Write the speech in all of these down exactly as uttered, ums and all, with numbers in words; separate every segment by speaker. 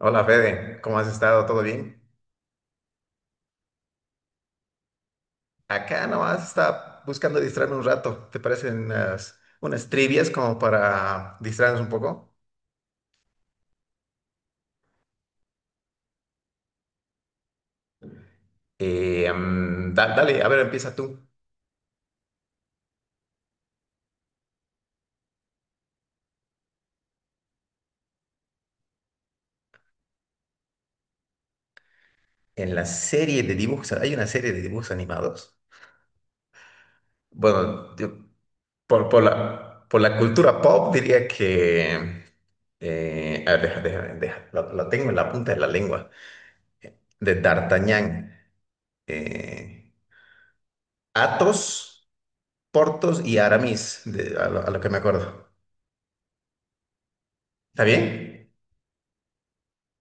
Speaker 1: Hola Fede, ¿cómo has estado? ¿Todo bien? Acá nomás estaba buscando distraerme un rato. ¿Te parecen unas, unas trivias como para distraernos un poco? Eh, mm, da- dale, a ver, empieza tú. En la serie de dibujos, hay una serie de dibujos animados. Bueno, yo- por, por la, por la cultura pop diría que... eh, A ver, deja, deja, deja, lo, lo tengo en la punta de la lengua. De D'Artagnan. eh, Athos, Portos y Aramis, de- a lo, a lo que me acuerdo. ¿Está bien?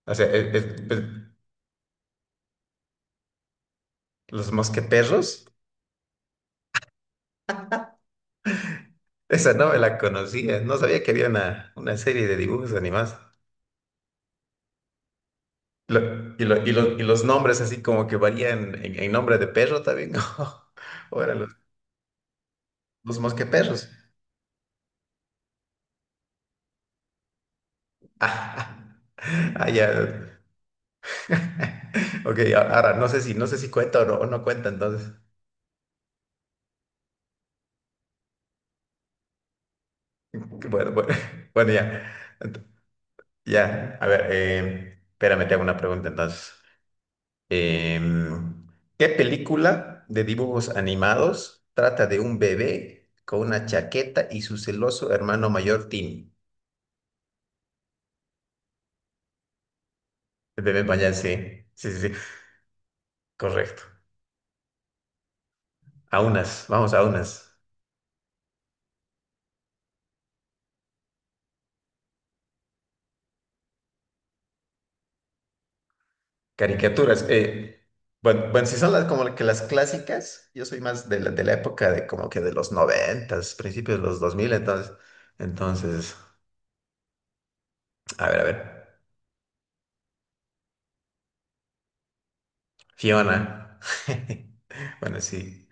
Speaker 1: O sea, eh, eh, pues, los Mosqueperros, esa novela conocía, no sabía que había una, una serie de dibujos animados. Lo- y, lo- y lo- y los nombres así como que varían en, en nombre de perro también. O eran los, los Mosqueperros. Ah, ah, ya. Ok, ahora no sé si, no sé si cuenta o no, o no, cuenta entonces. Bueno, bueno, bueno, ya. Ya, a ver, eh, espérame, te hago una pregunta entonces. Em, ¿Qué película de dibujos animados trata de un bebé con una chaqueta y su celoso hermano mayor Timmy? El bebé Pañal, sí, sí, sí, sí, correcto. A unas, vamos a unas. Caricaturas. Eh, bueno, bueno, si son las, como que las clásicas, yo soy más de la, de la época de como que de los noventas, principios de los dos mil, entonces, entonces, a ver, a ver. Fiona. Bueno, sí,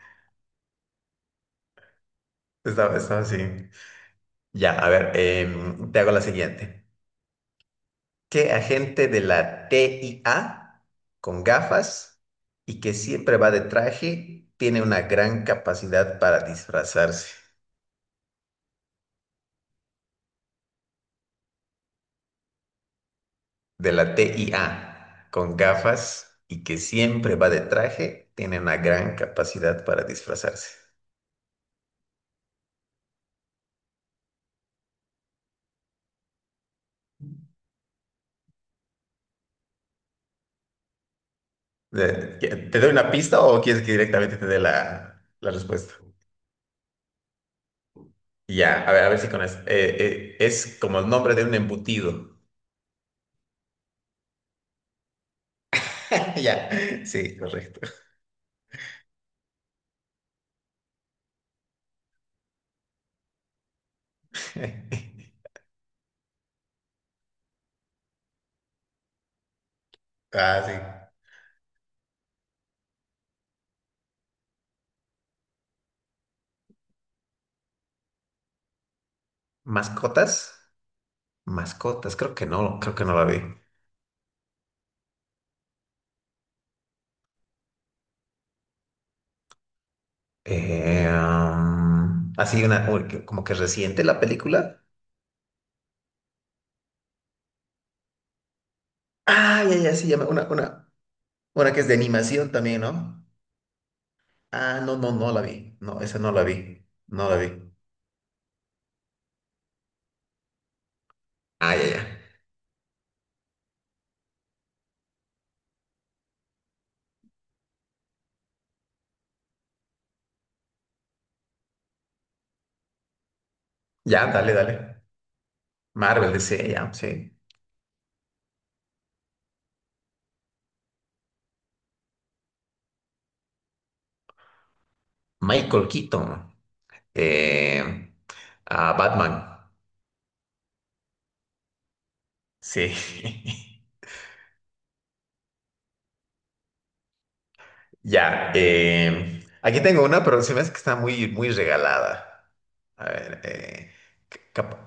Speaker 1: estaba, estaba así. Ya, a ver, em, te hago la siguiente. ¿Qué agente de la tía con gafas y que siempre va de traje tiene una gran capacidad para disfrazarse? De la tía con gafas y que siempre va de traje tiene una gran capacidad para disfrazarse. De- ¿Te doy una pista o quieres que directamente te dé la, la respuesta? Ya, a ver, a ver si con eso. Eh, eh, es como el nombre de un embutido. Ya, sí, correcto. Ah, sí. ¿Mascotas? Mascotas, creo que no, creo que no la vi. Eh, um, así una, uy, que- como que reciente la película. Ah, ya, ya, sí, ya, me- una, una, una que es de animación también, ¿no? Ah, no, no, no la vi. No, esa no la vi. No la vi. Ah, ya, ya. Ya, dale, dale. Marvel, decía ya, sí. Michael Keaton. eh, a Batman. Sí. Ya. Eh, aquí tengo una, pero se me hace que está muy, muy regalada. A ver. eh, cap-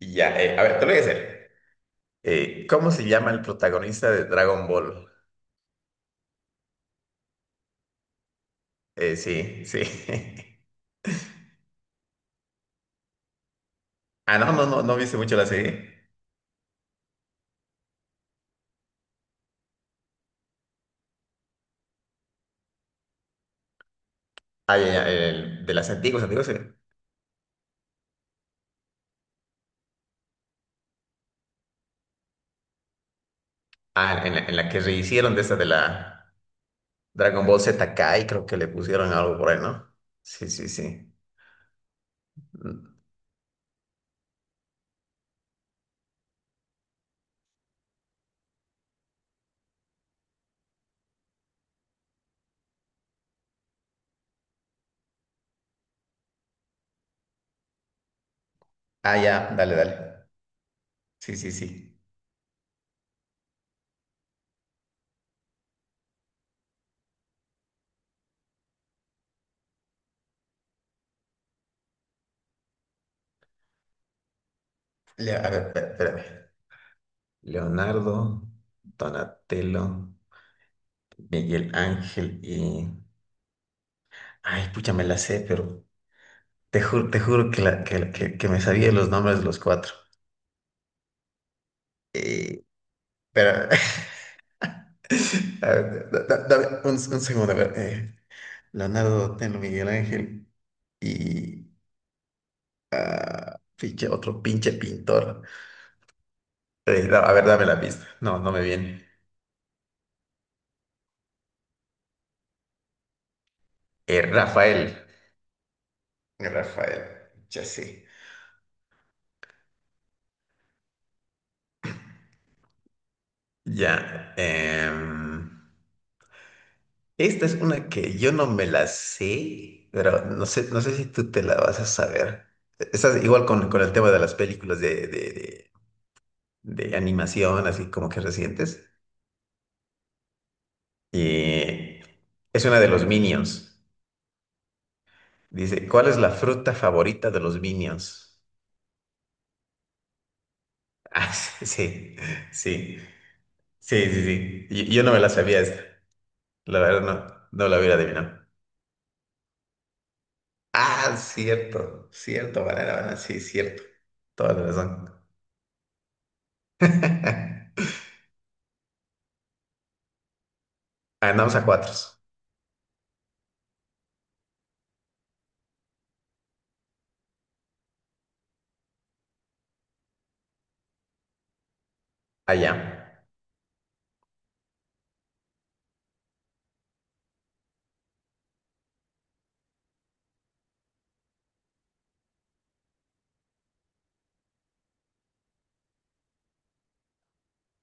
Speaker 1: ya. Eh, a ver, te lo voy a hacer. Eh, ¿cómo se llama el protagonista de Dragon Ball? Eh, sí, sí. Ah, no, no, no, no viste mucho la serie. Ah, ya, ya, el- de las antiguas, antiguas. Sí. Ah, en la, en la que rehicieron de esta de la Dragon Ball Z Kai, creo que le pusieron algo por ahí, ¿no? Sí, sí, sí. Ah, ya, dale, dale. Sí, sí, sí. Le- a ver, espé- espérame. Leonardo, Donatello, Miguel Ángel y... Ay, pucha, me la sé, pero te juro, te juro que, la, que, la- que, que me sabía los nombres de los cuatro. Eh, pero... a ver, da- da- dame un, un segundo, a ver. eh, Leonardo, Donatello, Miguel Ángel y... ah, pinche, otro pinche pintor. Eh, da- a ver, dame la pista. No, no me viene. Eh, Rafael. Rafael, ya sí. Ya. Em, esta es una que yo no me la sé, pero no sé, no sé si tú te la vas a saber. Estás igual con, con el tema de las películas de, de, de, de animación, así como que recientes. Y es una de los Minions. Dice, ¿cuál es la fruta favorita de los Minions? Ah, sí, sí, sí, sí, sí. Yo, yo no me la sabía esta. La verdad no, no la hubiera adivinado. Ah, cierto, cierto, banana, banana, sí, cierto. Toda la razón. Ganamos a cuatro. Allá.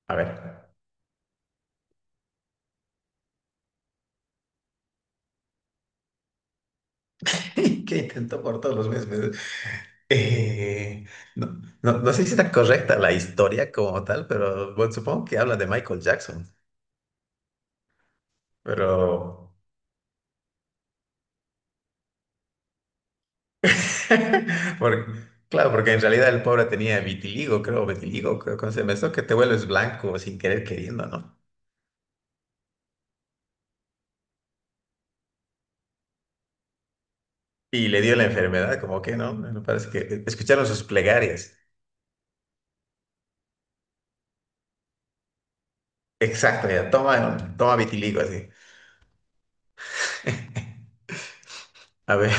Speaker 1: A ver. ¿Qué intento por todos los meses? Eh, no, no, no sé si está correcta la historia como tal, pero bueno, supongo que habla de Michael Jackson. Pero. porque- claro, porque en realidad el pobre tenía vitiligo, creo, vitiligo, creo, ¿cómo se llama esto? Que te vuelves blanco sin querer queriendo, ¿no? Y le dio la enfermedad, como que no, me parece que escucharon sus plegarias. Exacto, ya, toma, toma vitiligo así. A ver,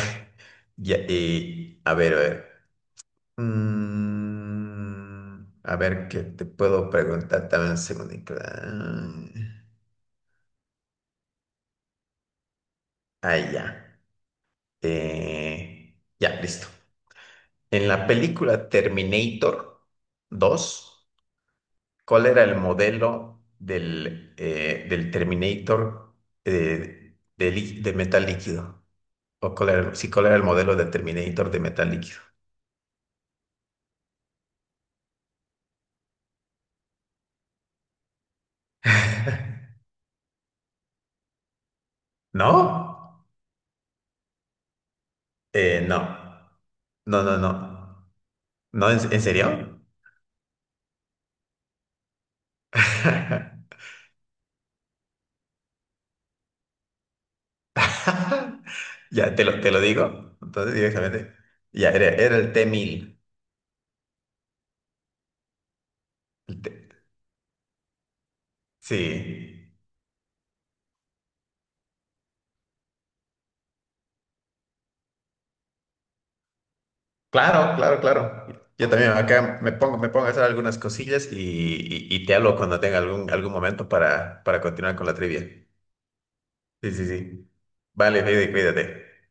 Speaker 1: ya, y, a ver, a ver. Mm, a ver, ¿qué te puedo preguntar también un segundito? Ah, ahí ya. Eh, ya, listo. En la película Terminator dos, ¿cuál era el modelo del, eh, del Terminator, eh, de, lí- de metal líquido? ¿O cuál era, el- sí, cuál era el modelo del Terminator de metal líquido? ¿No? Eh, no. No, no, no. ¿No? ¿En, en serio? Ya, te lo, te lo digo. Entonces, directamente. Ya, era, era el te mil. El T- sí. Claro, claro, claro. Yo también acá me pongo, me pongo a hacer algunas cosillas y, y- y te hablo cuando tenga algún, algún momento para, para continuar con la trivia. Sí, sí, sí. Vale, Heidi, cuídate.